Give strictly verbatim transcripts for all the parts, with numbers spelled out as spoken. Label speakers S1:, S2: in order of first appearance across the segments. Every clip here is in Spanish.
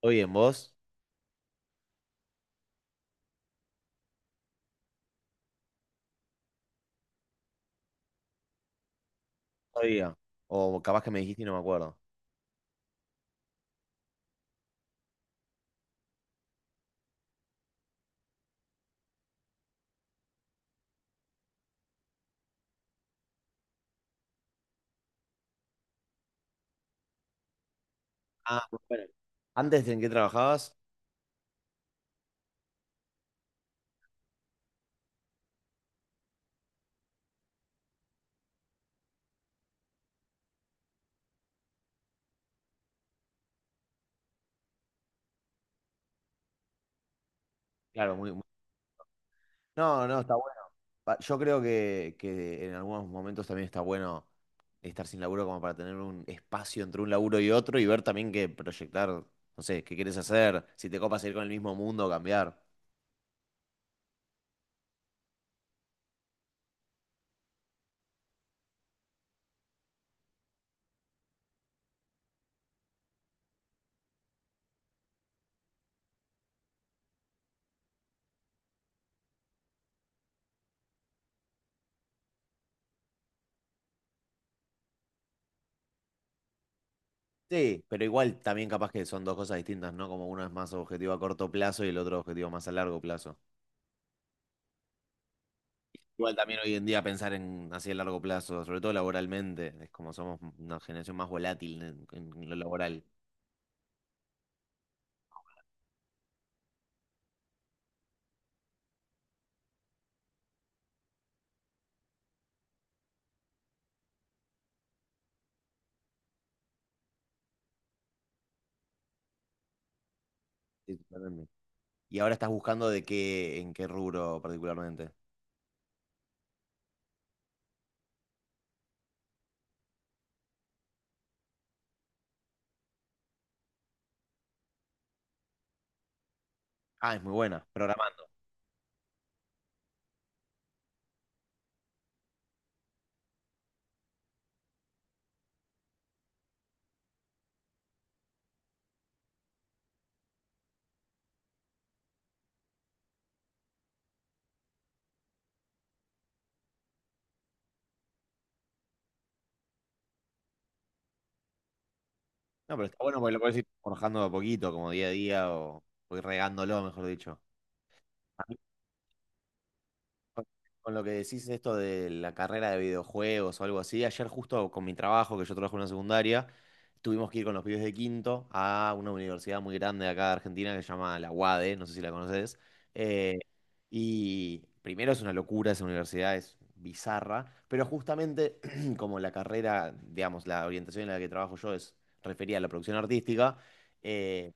S1: ¿Todo bien, vos? Todavía. O capaz que me dijiste y no me acuerdo. Ah, muy bueno. ¿Antes en qué trabajabas? Claro, muy, muy- no, no, está bueno. Pa- Yo creo que, que en algunos momentos también está bueno estar sin laburo como para tener un espacio entre un laburo y otro y ver también que proyectar, no sé, qué quieres hacer, si te copas ir con el mismo mundo, o cambiar. Sí, pero igual también capaz que son dos cosas distintas, ¿no? Como uno es más objetivo a corto plazo y el otro objetivo más a largo plazo. Igual también hoy en día pensar en así a largo plazo, sobre todo laboralmente, es como somos una generación más volátil en, en lo laboral. Sí, totalmente. Y ahora estás buscando de qué, ¿en qué rubro particularmente? Ah, es muy buena, programando. No, pero está bueno porque lo puedes ir forjando de a poquito, como día a día, o, o ir regándolo, mejor dicho. Con con lo que decís esto de la carrera de videojuegos o algo así, ayer justo con mi trabajo, que yo trabajo en una secundaria, tuvimos que ir con los pibes de quinto a una universidad muy grande de acá de Argentina que se llama la UADE, no sé si la conoces. Eh, y primero es una locura esa universidad, es bizarra, pero justamente como la carrera, digamos, la orientación en la que trabajo yo es referida a la producción artística. eh,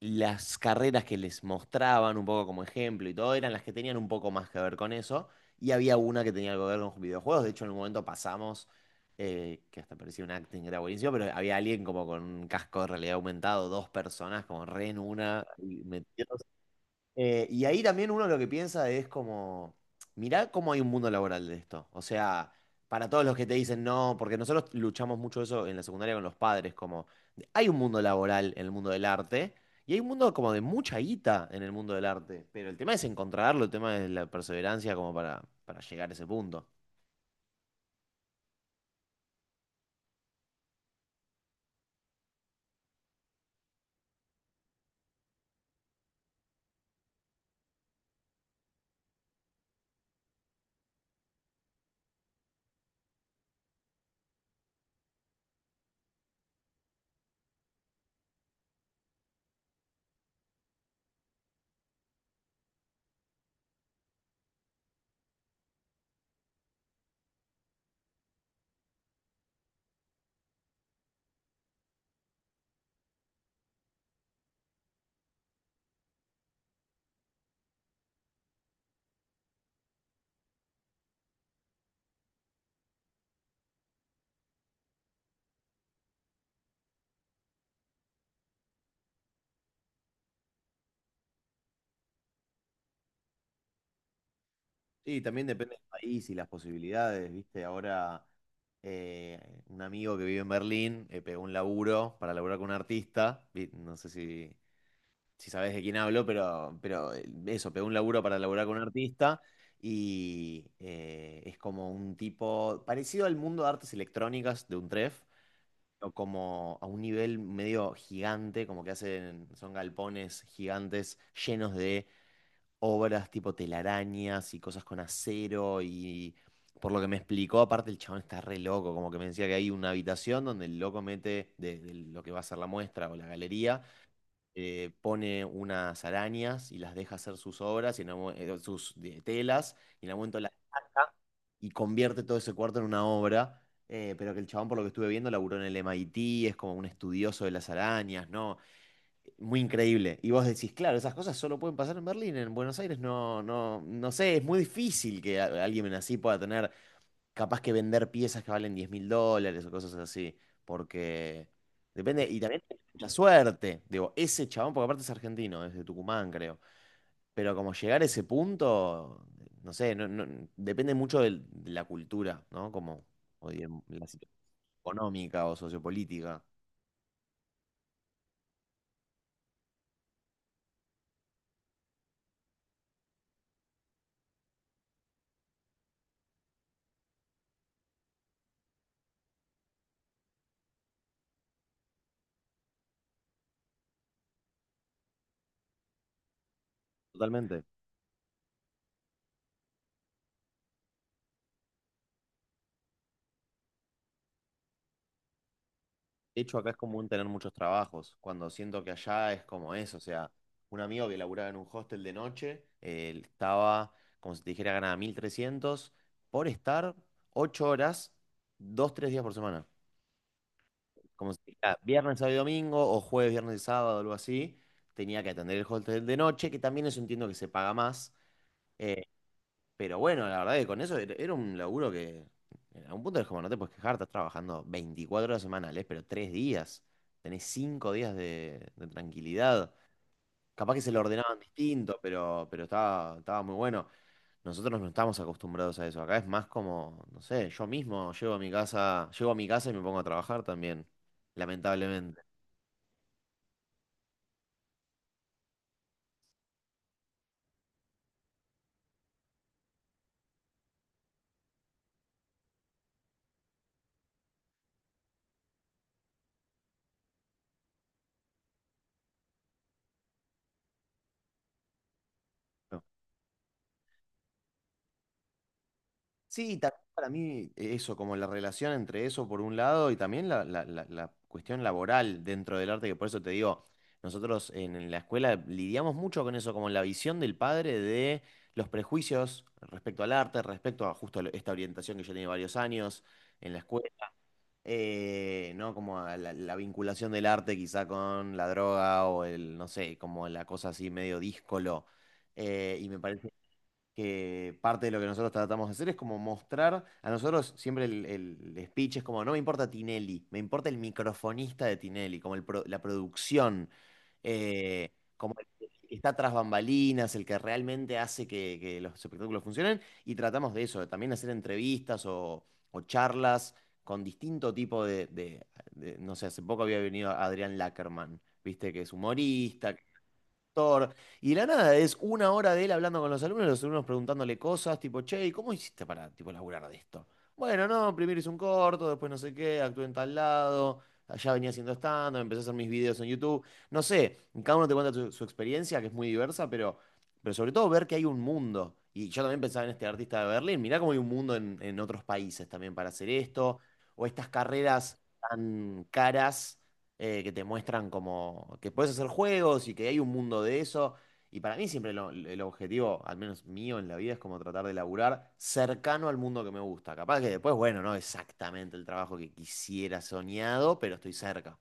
S1: las carreras que les mostraban un poco como ejemplo y todo eran las que tenían un poco más que ver con eso. Y había una que tenía algo que ver con videojuegos. De hecho, en un momento pasamos, eh, que hasta parecía un acting, que era buenísimo, pero había alguien como con un casco de realidad aumentado, dos personas como re en una, y metido. Eh, y ahí también uno lo que piensa es como, mirá cómo hay un mundo laboral de esto. O sea, para todos los que te dicen no, porque nosotros luchamos mucho eso en la secundaria con los padres, como hay un mundo laboral en el mundo del arte y hay un mundo como de mucha guita en el mundo del arte. Pero el tema es encontrarlo, el tema es la perseverancia como para, para llegar a ese punto. Sí, también depende del país y las posibilidades, ¿viste? Ahora eh, un amigo que vive en Berlín eh, pegó un laburo para laburar con un artista. vi- No sé si si sabes de quién hablo, pero, pero eh, eso, pegó un laburo para laburar con un artista y eh, es como un tipo parecido al mundo de artes electrónicas de un tref, o como a un nivel medio gigante, como que hacen, son galpones gigantes llenos de obras tipo telarañas y cosas con acero y... Por lo que me explicó, aparte el chabón está re loco, como que me decía que hay una habitación donde el loco mete de, de lo que va a ser la muestra o la galería, eh, pone unas arañas y las deja hacer sus obras, y en algún- eh, sus de- telas, y en algún momento la- y convierte todo ese cuarto en una obra. Eh, pero que el chabón, por lo que estuve viendo, laburó en el M I T, es como un estudioso de las arañas, ¿no? Muy increíble. Y vos decís, claro, esas cosas solo pueden pasar en Berlín, en Buenos Aires no, no, no sé, es muy difícil que a- alguien así pueda tener capaz que vender piezas que valen diez mil dólares o cosas así, porque depende, y también la suerte, digo, ese chabón, porque aparte es argentino, es de Tucumán, creo, pero como llegar a ese punto, no sé, no, no- depende mucho del- de, la cultura, ¿no? Como, o de la situación económica o sociopolítica, totalmente. De hecho, acá es común tener muchos trabajos, cuando siento que allá es como eso, o sea, un amigo que laburaba en un hostel de noche, él estaba, como si te dijera, ganaba mil trescientos por estar ocho horas, dos tres días por semana. Como si te dijera, viernes, sábado y domingo, o jueves, viernes y sábado, algo así, tenía que atender el hostel de noche, que también eso entiendo que se paga más, eh, pero bueno, la verdad que con eso era era un laburo que a un punto es como no te puedes quejar, estás trabajando 24 horas semanales, pero tres días. Tenés cinco días de, de tranquilidad. Capaz que se lo ordenaban distinto, pero, pero estaba, estaba muy bueno. Nosotros no estamos acostumbrados a eso. Acá es más como, no sé, yo mismo llego a mi casa, llego a mi casa y me pongo a trabajar también, lamentablemente. Sí, también para mí eh, eso, como la relación entre eso por un lado y también la, la- la- la cuestión laboral dentro del arte, que por eso te digo, nosotros en, en la escuela lidiamos mucho con eso, como la visión del padre de los prejuicios respecto al arte, respecto a justo lo- esta orientación que yo tenía varios años en la escuela, eh, ¿no? Como a la, la vinculación del arte quizá con la droga o el, no sé, como la cosa así medio díscolo. Eh, y me parece que parte de lo que nosotros tratamos de hacer es como mostrar, a nosotros siempre el, el speech es como, no me importa Tinelli, me importa el microfonista de Tinelli, como el pro- la producción, eh, como el que está tras bambalinas, el que realmente hace que, que los espectáculos funcionen, y tratamos de eso, de también hacer entrevistas o, o charlas con distinto tipo de, de- de- no sé, hace poco había venido Adrián Lackerman, viste, que es humorista, Thor. Y de la nada, es una hora de él hablando con los alumnos, los alumnos preguntándole cosas, tipo, che, ¿y cómo hiciste para, tipo, laburar de esto? Bueno, no, primero hice un corto, después no sé qué, actué en tal lado, allá venía haciendo stand-up, empecé a hacer mis videos en YouTube. No sé, cada uno te cuenta su, su experiencia, que es muy diversa, pero, pero sobre todo ver que hay un mundo. Y yo también pensaba en este artista de Berlín, mirá cómo hay un mundo en, en otros países también para hacer esto, o estas carreras tan caras eh, que te muestran como que puedes hacer juegos y que hay un mundo de eso. Y para mí siempre lo- el objetivo, al menos mío en la vida, es como tratar de laburar cercano al mundo que me gusta. Capaz que después, bueno, no exactamente el trabajo que quisiera soñado, pero estoy cerca.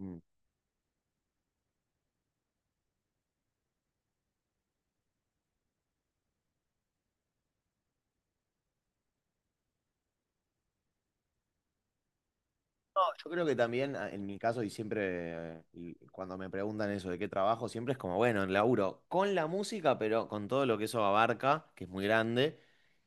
S1: Mm. No, yo creo que también, a- en mi caso, y siempre eh, y cuando me preguntan eso de qué trabajo, siempre es como, bueno, laburo con la música, pero con todo lo que eso abarca, que es muy grande.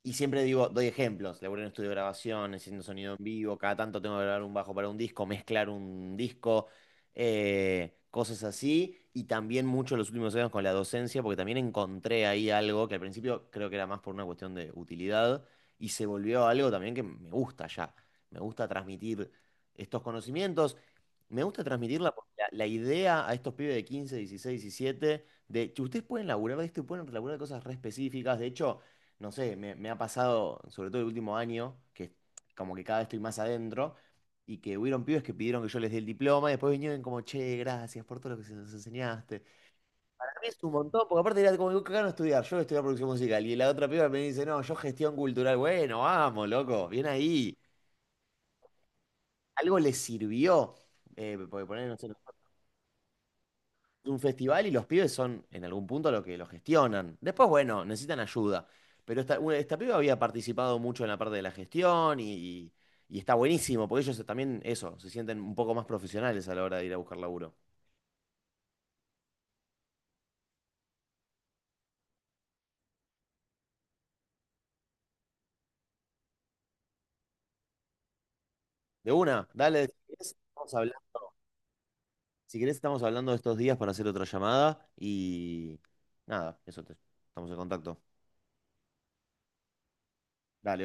S1: Y siempre digo, doy ejemplos, laburo en estudio de grabación, haciendo sonido en vivo, cada tanto tengo que grabar un bajo para un disco, mezclar un disco, eh, cosas así. Y también mucho los últimos años con la docencia, porque también encontré ahí algo que al principio creo que era más por una cuestión de utilidad, y se volvió algo también que me gusta ya. Me gusta transmitir estos conocimientos. Me gusta transmitirla porque la, la idea a estos pibes de quince, dieciséis, diecisiete, de que ustedes pueden laburar de esto y pueden laburar de cosas re específicas. De hecho, no sé, me, me ha pasado, sobre todo el último año, que como que cada vez estoy más adentro, y que hubieron pibes que pidieron que yo les dé el diploma y después vinieron como, che, gracias por todo lo que nos enseñaste. Para mí es un montón, porque aparte era como, acá no estudiar, yo voy a estudiar producción musical. Y la otra piba me dice, no, yo gestión cultural. Bueno, vamos, loco, bien ahí algo les sirvió. Eh, porque poner, no sé, un festival y los pibes son en algún punto lo que lo gestionan. Después, bueno, necesitan ayuda. Pero esta, una- esta piba había participado mucho en la parte de la gestión y, y- y está buenísimo, porque ellos también, eso, se sienten un poco más profesionales a la hora de ir a buscar laburo. De una, dale, si querés, estamos habla- si querés, estamos hablando estos días para hacer otra llamada y nada, eso te- estamos en contacto. Dale.